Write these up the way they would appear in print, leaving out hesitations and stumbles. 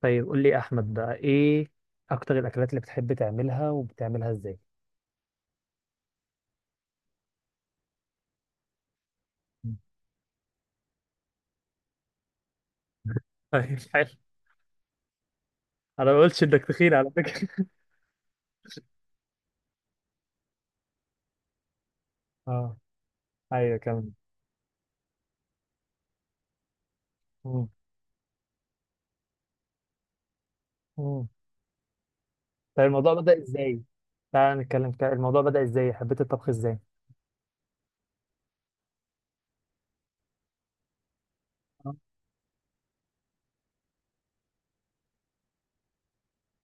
طيب، قول لي يا احمد بقى، ايه اكتر الاكلات اللي بتحب تعملها وبتعملها ازاي؟ طيب، حلو. انا ما قلتش انك تخين على فكره. اه، ايوه، كمل. مم. مم. طيب، الموضوع بدأ ازاي؟ تعال نتكلم كده، الموضوع بدأ ازاي؟ حبيت الطبخ ازاي؟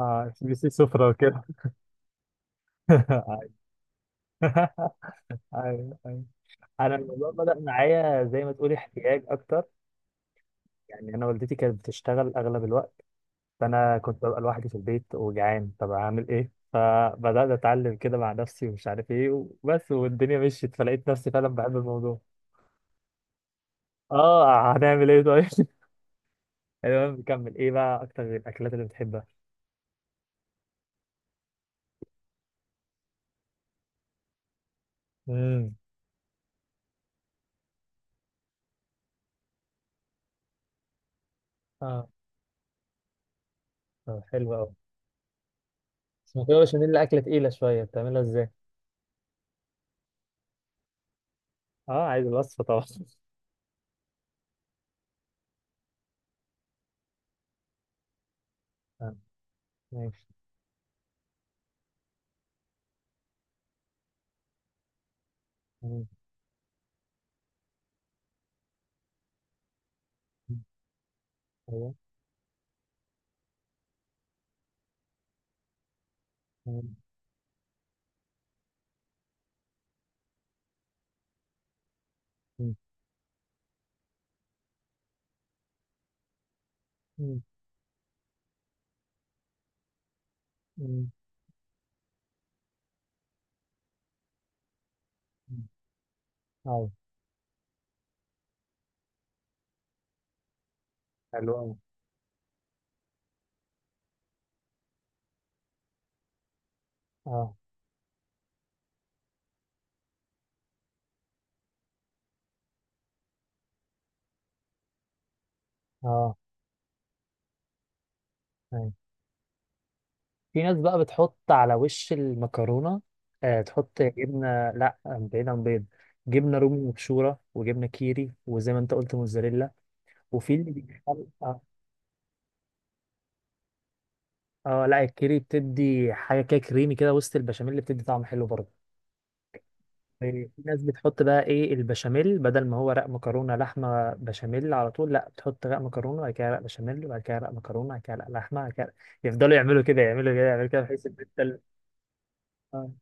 اه، بي سي سفرة وكده. ايوه، ايوه. انا الموضوع بدأ معايا زي ما تقولي احتياج اكتر، يعني انا والدتي كانت بتشتغل اغلب الوقت، فانا كنت ببقى لوحدي في البيت وجعان، طب اعمل ايه؟ فبدات اتعلم كده مع نفسي، ومش عارف ايه وبس، والدنيا مشيت فلقيت نفسي فعلا بحب الموضوع. اه، هنعمل ايه طيب؟ المهم نكمل. ايه بقى اكتر الاكلات اللي بتحبها؟ امم. اه، طب حلو قوي. بس المكرونه بشاميل اكله تقيله شويه، بتعملها ازاي؟ اه، عايز الوصفه طبعا. آه. ماشي. مم. مم، أيوة. مم. مم. مم. مم. مم. أيوة. حلو قوي، اه، اه، أيوة. في ناس بقى بتحط على وش المكرونة، تحط جبنة، لا بعيدا عن بيض. جبنة رومي مبشورة، وجبنة كيري، وزي ما انت قلت موزاريلا. اه. لا، الكيري بتدي حاجة كده كريمي كده وسط البشاميل اللي بتدي طعم حلو برضه. في ناس بتحط بقى ايه، البشاميل بدل ما هو رق مكرونة لحمة بشاميل على طول، لا، بتحط رق مكرونة، بعد كده رق بشاميل، وبعد كده رق مكرونة، بعد كده رق لحمة، بعد كده يفضلوا يعملوا كده، يعملوا كده، يعملوا كده، بحيث ان انت آه.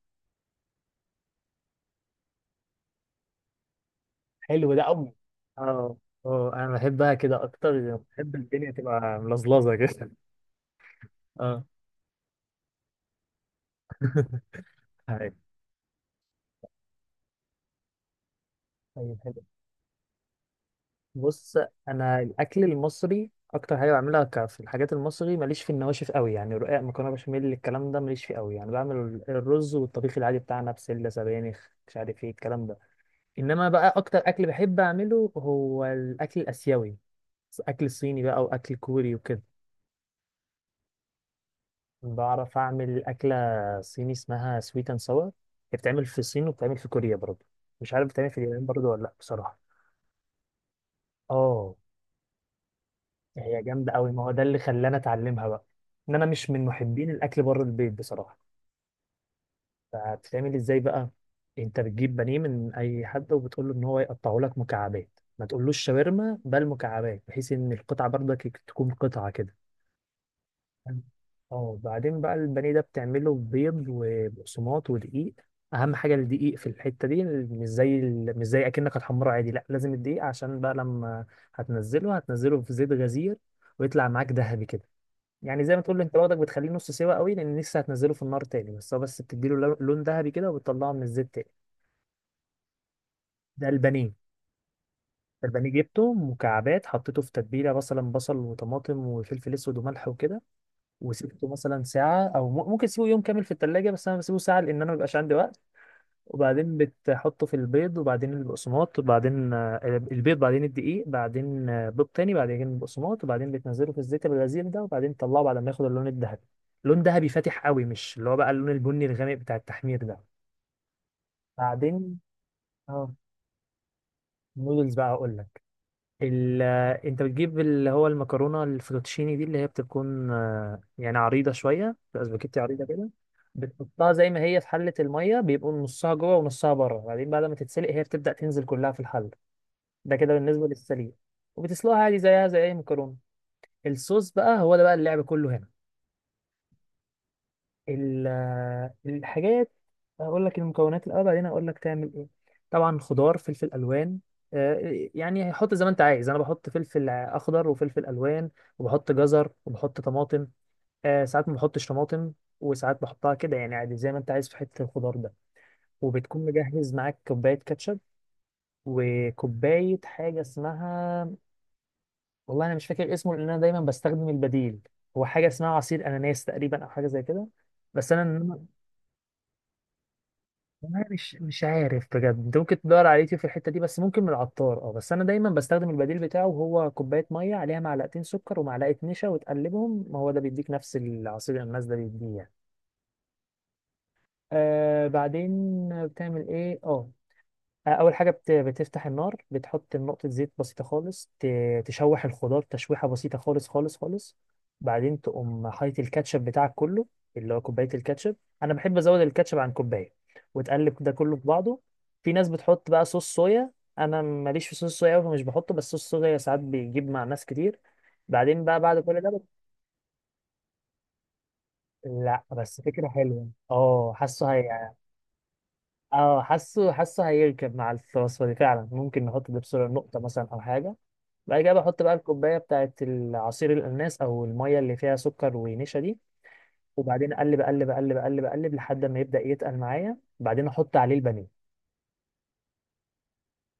حلو ده قوي. اه، اه، انا بحبها كده اكتر، بحب الدنيا تبقى ملزلزه كده. اه. أيوة. طيب، حلو. بص، انا الاكل المصري اكتر حاجه بعملها، في الحاجات المصري ماليش في النواشف قوي، يعني رقاق، مكرونه بشاميل، الكلام ده ماليش فيه قوي، يعني بعمل الرز والطبيخ العادي بتاعنا، بسله، سبانخ، مش عارف ايه الكلام ده. انما بقى اكتر اكل بحب اعمله هو الاكل الاسيوي، اكل صيني بقى واكل كوري وكده. بعرف اعمل اكله صيني اسمها سويت اند ساور. هي بتتعمل في الصين وبتتعمل في كوريا برضه. مش عارف بتتعمل في اليابان برضه ولا لا، بصراحه. اه، هي جامده قوي، ما هو ده اللي خلاني اتعلمها بقى، ان انا مش من محبين الاكل بره البيت بصراحه. فبتتعمل ازاي بقى؟ انت بتجيب بانيه من اي حد، وبتقول له ان هو يقطعه لك مكعبات، ما تقولوش شاورما بل مكعبات، بحيث ان القطعه برضك تكون قطعه كده. اه، بعدين بقى البانيه ده بتعمله بيض وبقسماط ودقيق. اهم حاجه الدقيق في الحته دي، مش زي اكنك هتحمره عادي، لا، لازم الدقيق عشان بقى لما هتنزله في زيت غزير، ويطلع معاك ذهبي كده. يعني زي ما تقول انت واخدك، بتخليه نص سوا قوي لان لسه هتنزله في النار تاني، بس هو، بس بتديله لون ذهبي كده، وبتطلعه من الزيت تاني. ده البانيه. البانيه جبته مكعبات، حطيته في تتبيله، مثلا بصل وطماطم وفلفل اسود وملح وكده، وسبته مثلا ساعة أو ممكن تسيبه يوم كامل في التلاجة، بس أنا بسيبه ساعة لأن أنا مبيبقاش عندي وقت. وبعدين بتحطه في البيض، وبعدين البقسماط، وبعدين البيض، بعدين الدقيق، بعدين بيض تاني، بعدين البقسماط، وبعدين بتنزله في الزيت الغزير ده، وبعدين تطلعه بعد ما ياخد اللون الذهبي. لون ذهبي فاتح قوي، مش اللي هو بقى اللون البني الغامق بتاع التحمير ده. بعدين، اه، نودلز بقى أقول لك. ال... انت بتجيب اللي هو المكرونه الفوتوتشيني دي، اللي هي بتكون يعني عريضه شويه، بتبقى سباكيتي عريضه كده. بتحطها زي ما هي في حله الميه، بيبقوا نصها جوه ونصها بره، وبعدين بعد ما تتسلق هي بتبدا تنزل كلها في الحله. ده كده بالنسبه للسليق. وبتسلقها عادي زيها زي اي مكرونه. الصوص بقى، هو ده بقى اللعب كله هنا. الحاجات، هقول لك المكونات الاول، بعدين هقول لك تعمل ايه. طبعا، خضار، فلفل الوان. يعني حط زي ما انت عايز، انا بحط فلفل اخضر وفلفل الوان، وبحط جزر وبحط طماطم. ساعات ما بحطش طماطم، وساعات بحطها كده، يعني عادي زي ما انت عايز في حته الخضار ده. وبتكون مجهز معاك كوبايه كاتشب، وكوبايه حاجه اسمها، والله انا مش فاكر اسمه لان انا دايما بستخدم البديل. هو حاجه اسمها عصير اناناس تقريبا، او حاجه زي كده. بس انا، والله مش عارف بجد، انت ممكن تدور على اليوتيوب في الحته دي، بس ممكن من العطار، اه، بس انا دايما بستخدم البديل بتاعه، وهو كوبايه ميه عليها معلقتين سكر ومعلقه نشا وتقلبهم، ما هو ده بيديك نفس العصير اللي الناس ده بيديه يعني. بعدين بتعمل ايه؟ اه، اول حاجه، بتفتح النار، بتحط نقطه زيت بسيطه خالص، تشوح الخضار تشويحه بسيطه خالص خالص خالص. بعدين تقوم حاطط الكاتشب بتاعك كله، اللي هو كوبايه الكاتشب، انا بحب ازود الكاتشب عن كوبايه، وتقلب ده كله في بعضه. في ناس بتحط بقى صوص صويا، انا ماليش في صوص صويا أوي فمش بحطه، بس صوص صويا ساعات بيجيب مع ناس كتير. بعدين بقى بعد كل ده لا، بس فكره حلوه، اه، حاسه هي. اه، حاسه هيركب مع الوصفه دي فعلا، ممكن نحط ده بسرعه نقطه مثلا او حاجه. بعد كده بحط بقى الكوبايه بتاعت العصير الاناناس، او الميه اللي فيها سكر ونشا دي. وبعدين اقلب، اقلب، اقلب، اقلب، اقلب، لحد ما يبدا يتقل معايا، بعدين احط عليه البانيه.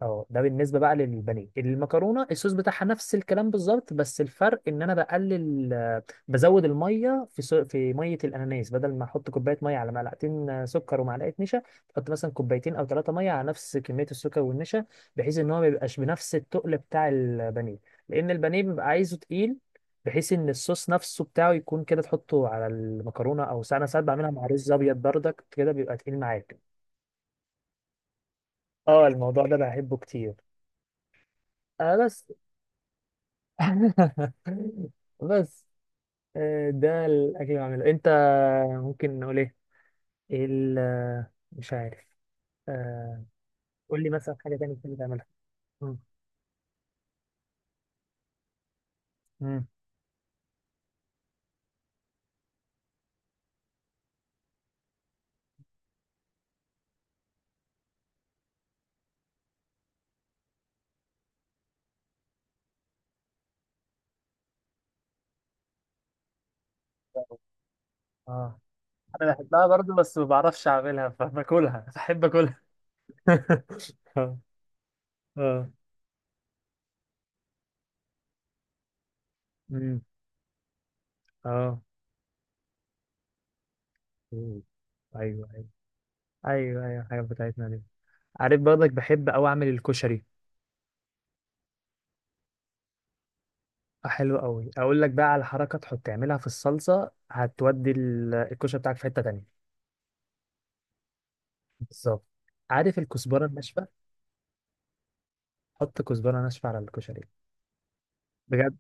اه، ده بالنسبه بقى للبانيه، المكرونه الصوص بتاعها نفس الكلام بالظبط، بس الفرق ان انا بقلل، بزود الميه في في ميه الاناناس، بدل ما احط كوبايه ميه على معلقتين سكر ومعلقه نشا، احط مثلا كوبايتين او ثلاثه ميه على نفس كميه السكر والنشا، بحيث ان هو ما يبقاش بنفس التقل بتاع البانيه، لان البانيه بيبقى عايزه تقيل، بحيث ان الصوص نفسه بتاعه يكون كده، تحطه على المكرونه، او ساعات انا ساعات بعملها مع رز ابيض بردك كده بيبقى تقيل معاك. اه، الموضوع ده بحبه كتير. بس. بس، ده الاكل اللي بعمله. انت ممكن نقول ايه؟ ايه مش عارف. آه، قول لي مثلا حاجه تانية كده بتعملها. مم. مم. اه، انا بحبها برضو بس ما بعرفش اعملها، فباكلها، بحب اكلها. اه. اه. مم. اه. مم. ايوه، ايوه، ايوه، ايوه، حاجه بتاعتنا دي. عارف برضك بحب اوي اعمل الكشري. حلو قوي، اقول لك بقى على حركه، تحط تعملها في الصلصه هتودي الكشري بتاعك في حته تانية. بالظبط. عارف الكزبره الناشفه؟ حط كزبره ناشفه على الكشري. بجد.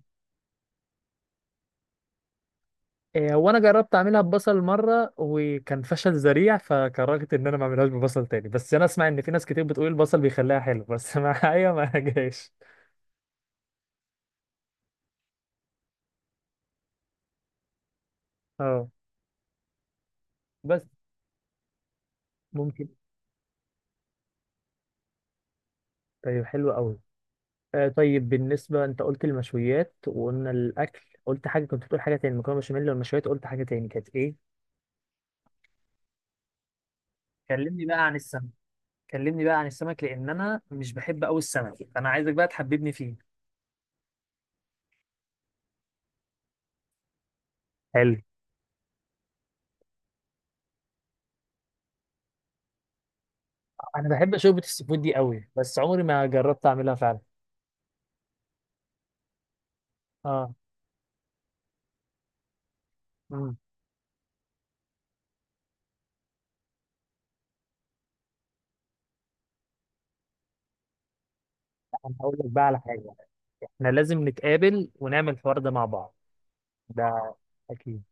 إيه، هو انا جربت اعملها ببصل مره وكان فشل ذريع، فكرهت ان انا ما اعملهاش ببصل تاني، بس انا اسمع ان في ناس كتير بتقول البصل بيخليها حلو، بس معايا ما جاش. اه، بس ممكن. طيب، حلو قوي. طيب، بالنسبه انت قلت المشويات وقلنا الاكل، قلت حاجه، كنت بتقول حاجه تاني مكرونه بشاميل والمشويات، قلت حاجه تاني كانت ايه؟ كلمني بقى عن السمك. كلمني بقى عن السمك، لان انا مش بحب قوي السمك، فانا عايزك بقى تحببني فيه. حلو. انا بحب شوربه السي فود دي قوي، بس عمري ما جربت اعملها فعلا. اه، امم انا هقول لك بقى على حاجه، احنا لازم نتقابل ونعمل الحوار ده مع بعض. ده، اكيد.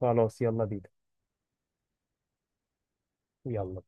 خلاص، يلا بينا. يلا.